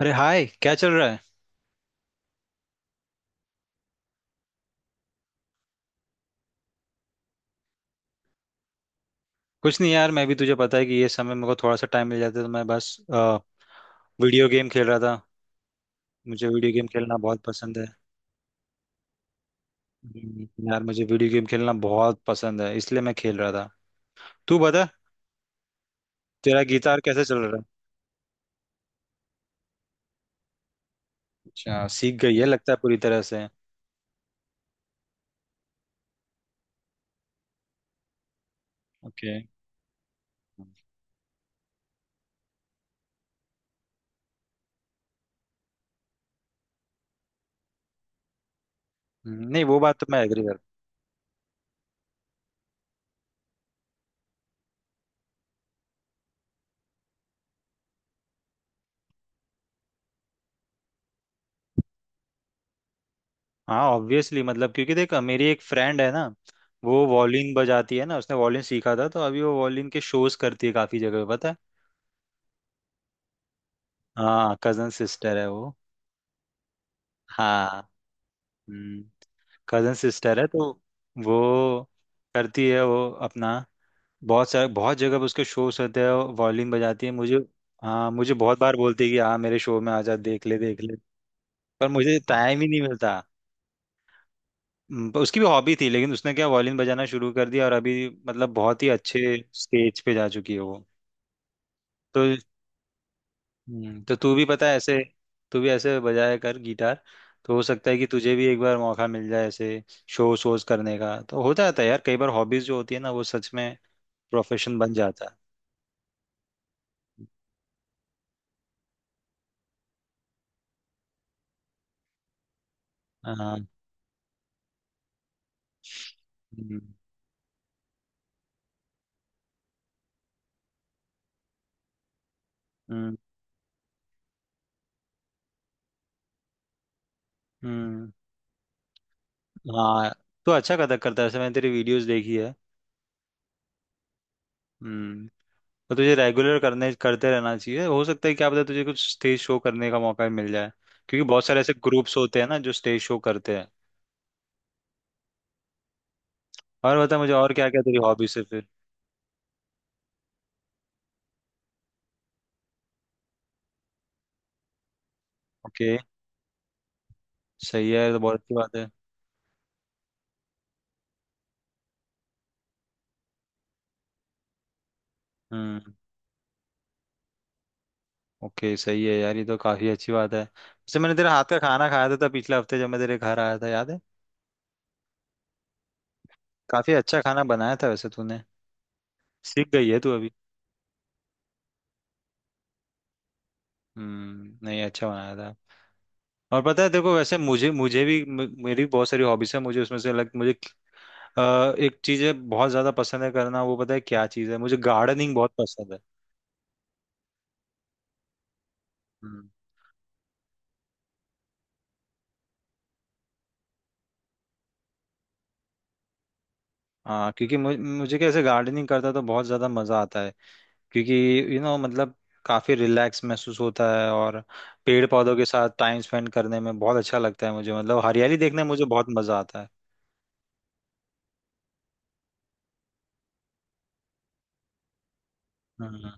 अरे हाय, क्या चल रहा है। कुछ नहीं यार, मैं भी तुझे पता है कि ये समय मेरे को थोड़ा सा टाइम मिल जाता है तो मैं बस वीडियो गेम खेल रहा था। मुझे वीडियो गेम खेलना बहुत पसंद है। यार मुझे वीडियो गेम खेलना बहुत पसंद है, इसलिए मैं खेल रहा था। तू बता, तेरा गिटार कैसे चल रहा है। अच्छा सीख गई है लगता है पूरी तरह से। ओके। नहीं वो बात तो मैं एग्री कर। हाँ ऑब्वियसली, मतलब क्योंकि देख, मेरी एक फ्रेंड है ना, वो वॉलिन बजाती है ना, उसने वॉलिन सीखा था, तो अभी वो वॉलिन के शोज करती है काफी जगह पे, पता है। हाँ कजन सिस्टर है वो। हाँ कजन सिस्टर है। तो वो करती है वो अपना, बहुत सारे बहुत जगह पे उसके शोज होते हैं। वॉल्यूम बजाती है मुझे। हाँ, मुझे बहुत बार बोलती है कि हाँ मेरे शो में आ जा, देख ले देख ले। पर मुझे टाइम ही नहीं मिलता। पर उसकी भी हॉबी थी, लेकिन उसने क्या वॉल्यूम बजाना शुरू कर दिया और अभी मतलब बहुत ही अच्छे स्टेज पे जा चुकी है वो। तो तो तू भी पता है ऐसे, तू भी ऐसे बजाया कर गिटार। तो हो सकता है कि तुझे भी एक बार मौका मिल जाए ऐसे शो शोज करने का। तो हो जाता है यार, कई बार हॉबीज जो होती है ना वो सच में प्रोफेशन बन जाता है। हाँ। हम्म। हम्म। हम्म, हाँ। तो अच्छा कथक करता है ऐसे, मैंने तेरी वीडियोस देखी है। हम्म। तो तुझे रेगुलर करने करते रहना चाहिए, हो सकता है क्या पता तुझे कुछ स्टेज शो करने का मौका मिल जाए। क्योंकि बहुत सारे ऐसे ग्रुप्स होते हैं ना जो स्टेज शो करते हैं। और बता मुझे, और क्या क्या तेरी हॉबीज है फिर। ओके। सही है, ये तो बहुत अच्छी बात है। हम्म। ओके, सही है यार, ये तो काफी अच्छी बात है। वैसे मैंने तेरे हाथ का खाना खाया था पिछले हफ्ते जब मैं तेरे घर आया था, याद है। काफी अच्छा खाना बनाया था वैसे तूने। सीख गई है तू अभी। हम्म, नहीं अच्छा बनाया था। और पता है, देखो वैसे मुझे मुझे भी मेरी भी बहुत सारी हॉबीज है, मुझे उसमें से अलग मुझे एक चीज है बहुत ज्यादा पसंद है करना। वो पता है क्या चीज है, मुझे गार्डनिंग बहुत पसंद है। हम्म। हाँ क्योंकि मुझे, मुझे कैसे गार्डनिंग करता तो बहुत ज्यादा मजा आता है। क्योंकि यू नो मतलब काफी रिलैक्स महसूस होता है, और पेड़ पौधों के साथ टाइम स्पेंड करने में बहुत अच्छा लगता है मुझे, मतलब हरियाली देखने में मुझे बहुत मजा आता है। हम्म।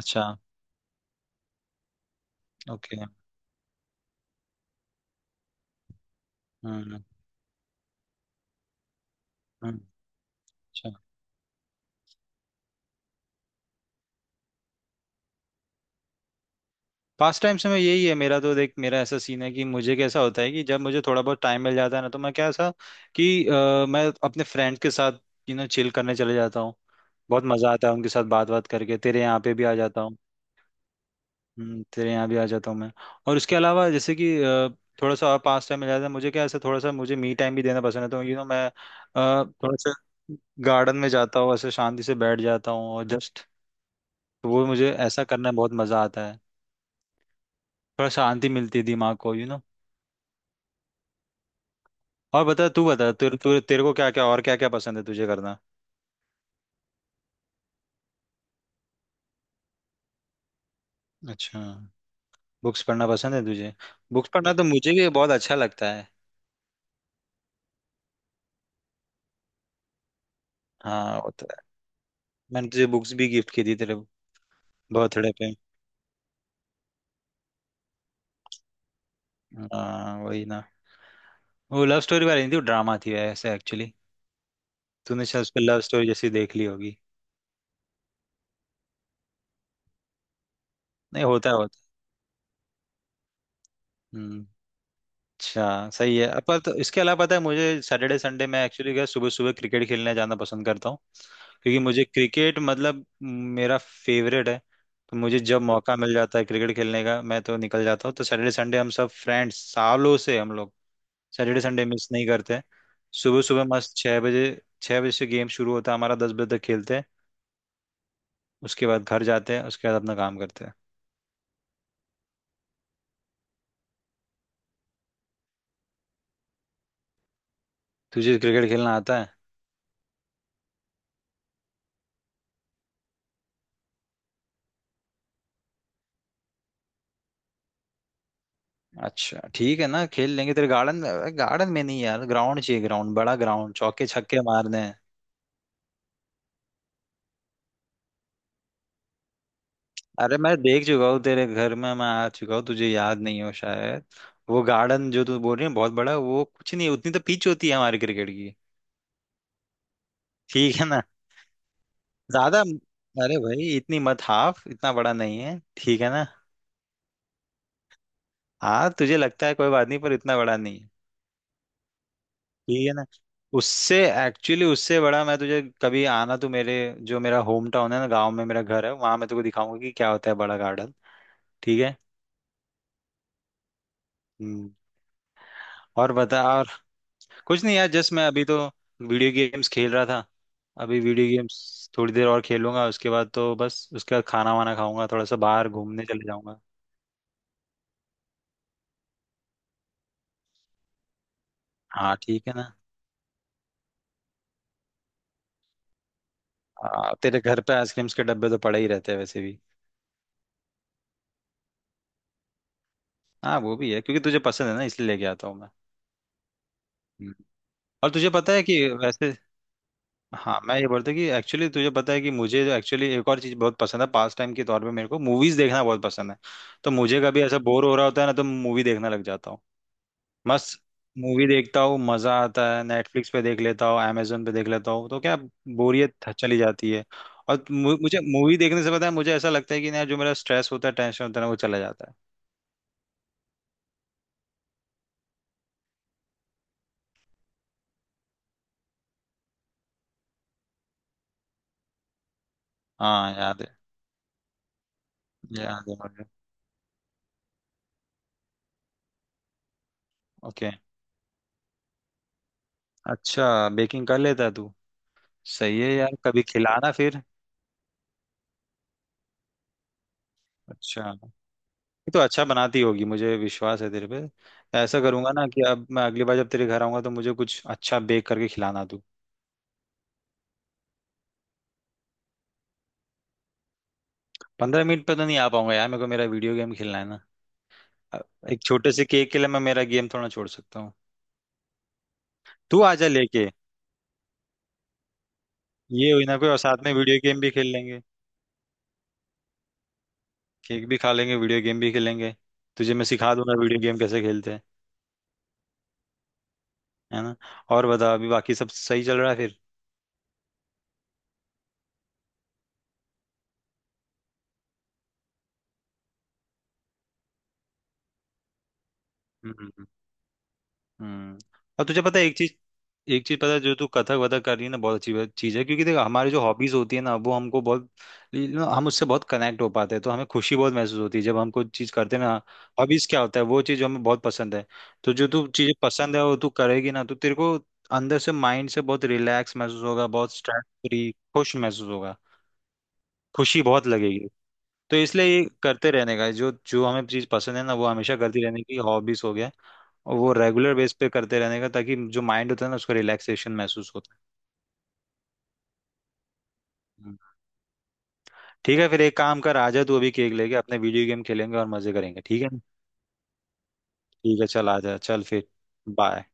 अच्छा। ओके। हम्म। हम्म। अच्छा, पास टाइम से मैं यही है मेरा। तो देख मेरा ऐसा सीन है कि मुझे कैसा होता है कि जब मुझे थोड़ा बहुत टाइम मिल जाता है ना, तो मैं कैसा कि मैं अपने फ्रेंड्स के साथ यू नो चिल करने चले जाता हूँ। बहुत मजा आता है उनके साथ बात बात करके। तेरे यहाँ पे भी आ जाता हूँ। तेरे यहाँ भी आ जाता हूँ मैं। और उसके अलावा जैसे कि थोड़ा सा और पास टाइम मिल जाता है मुझे, क्या ऐसे थोड़ा सा मुझे मी टाइम भी देना पसंद है, तो यू नो मैं थोड़ा सा गार्डन में जाता हूँ, ऐसे शांति से बैठ जाता हूँ और जस्ट। तो वो मुझे ऐसा करना बहुत मज़ा आता है। थोड़ा शांति मिलती है दिमाग को यू नो। और बता, तू बता, तेरे तेरे तेरे को क्या क्या और क्या क्या पसंद है तुझे करना। अच्छा, बुक्स पढ़ना पसंद है तुझे। बुक्स पढ़ना तो मुझे भी बहुत अच्छा लगता है। हाँ वो तो है। मैंने तुझे बुक्स भी गिफ्ट की थी तेरे बर्थडे पे। हाँ वही ना। वो लव स्टोरी वाली नहीं थी, वो ड्रामा थी ऐसे एक्चुअली। तूने शायद उस पर लव स्टोरी जैसी देख ली होगी। नहीं, होता है, होता है। हम्म। अच्छा सही है। अब पर तो इसके अलावा पता है मुझे सैटरडे संडे में एक्चुअली क्या, सुबह सुबह क्रिकेट खेलने जाना पसंद करता हूँ। क्योंकि मुझे क्रिकेट मतलब मेरा फेवरेट है। तो मुझे जब मौका मिल जाता है क्रिकेट खेलने का, मैं तो निकल जाता हूँ। तो सैटरडे संडे हम सब फ्रेंड्स सालों से हम लोग सैटरडे संडे मिस नहीं करते हैं। सुबह सुबह मस्त 6 बजे, 6 बजे से गेम शुरू होता है हमारा, 10 बजे तक खेलते हैं। उसके बाद घर जाते हैं, उसके बाद अपना काम करते हैं। तुझे क्रिकेट खेलना आता है। अच्छा ठीक है ना, खेल लेंगे तेरे गार्डन। गार्डन में नहीं यार, ग्राउंड चाहिए, ग्राउंड, बड़ा ग्राउंड, चौके छक्के मारने हैं। अरे मैं देख चुका हूँ तेरे घर में, मैं आ चुका हूँ, तुझे याद नहीं हो शायद। वो गार्डन जो तू बोल रही है बहुत बड़ा है, वो कुछ नहीं है, उतनी तो पिच होती है हमारे क्रिकेट की। ठीक है ना। ज्यादा। अरे भाई इतनी मत हाफ, इतना बड़ा नहीं है, ठीक है ना। हाँ तुझे लगता है, कोई बात नहीं, पर इतना बड़ा नहीं। ठीक है ना। उससे, एक्चुअली उससे बड़ा मैं तुझे कभी आना तू मेरे, जो मेरा होम टाउन है ना, गांव में मेरा घर है, वहां मैं तुझे दिखाऊंगा कि क्या होता है बड़ा गार्डन। ठीक है। हम्म। और बता और। कुछ नहीं यार, जस्ट मैं अभी तो वीडियो गेम्स खेल रहा था। अभी वीडियो गेम्स थोड़ी देर और खेलूंगा, उसके बाद तो बस उसके बाद खाना वाना खाऊंगा, थोड़ा सा बाहर घूमने चले जाऊंगा। हाँ ठीक है ना। हाँ, तेरे घर पे आइसक्रीम्स के डब्बे तो पड़े ही रहते हैं वैसे भी। हाँ वो भी है, क्योंकि तुझे पसंद है ना इसलिए लेके आता हूँ मैं। हम्म। और तुझे पता है कि वैसे, हाँ मैं ये बोलता कि एक्चुअली तुझे पता है कि मुझे जो एक्चुअली एक और चीज़ बहुत पसंद है पास टाइम के तौर पे, मेरे को मूवीज देखना बहुत पसंद है। तो मुझे कभी ऐसा बोर हो रहा होता है ना तो मूवी देखने लग जाता हूँ। मस्त मूवी देखता हूँ, मज़ा आता है, नेटफ्लिक्स पे देख लेता हूँ, Amazon पे देख लेता हूँ, तो क्या बोरियत चली जाती है। और मुझे मूवी देखने से पता है मुझे ऐसा लगता है कि ना जो मेरा स्ट्रेस होता है, टेंशन होता है ना, वो चला जाता है। हाँ याद है, याद है मुझे। ओके, अच्छा बेकिंग कर लेता है तू। सही है यार, कभी खिलाना फिर। अच्छा, तो अच्छा बनाती होगी, मुझे विश्वास है तेरे पे। ऐसा करूंगा ना कि अब मैं अगली बार जब तेरे घर आऊंगा तो मुझे कुछ अच्छा बेक करके खिलाना तू। 15 मिनट पे तो नहीं आ पाऊंगा यार, मेरे को मेरा वीडियो गेम खेलना है ना। अ, एक छोटे से केक के लिए मैं मेरा गेम थोड़ा छोड़ सकता हूँ। तू आ जा लेके। ये हुई ना कोई और साथ में वीडियो गेम भी खेल लेंगे। केक भी खा लेंगे, वीडियो गेम भी खेलेंगे। तुझे मैं सिखा दूंगा वीडियो गेम कैसे खेलते हैं। है ना। और बता, अभी बाकी सब सही चल रहा है फिर। हम्म। हम्म। और तुझे पता है एक चीज, एक चीज पता है, जो तू कथक वथक कर रही है ना, बहुत अच्छी चीज है, क्योंकि देख हमारी जो हॉबीज होती है ना वो हमको बहुत you know, हम उससे बहुत कनेक्ट हो पाते हैं, तो हमें खुशी बहुत महसूस होती है जब हम कोई चीज करते हैं ना। हॉबीज क्या होता है, वो चीज जो हमें बहुत पसंद है। तो जो तू चीजें पसंद है वो तू करेगी ना, तो तेरे को अंदर से, माइंड से बहुत रिलैक्स महसूस होगा, बहुत स्ट्रेस फ्री, खुश महसूस होगा। खुशी बहुत लगेगी। तो इसलिए ये करते रहने का, जो जो हमें चीज पसंद है ना वो हमेशा करती रहने की, हॉबीज हो गया। और वो रेगुलर बेस पे करते रहने का, ताकि जो माइंड होता है ना उसको रिलैक्सेशन महसूस होता है। हम्म। ठीक है फिर, एक काम कर, आजा तू अभी केक लेके, अपने वीडियो गेम खेलेंगे और मजे करेंगे, ठीक है ना? ठीक है चल आजा चल फिर। बाय।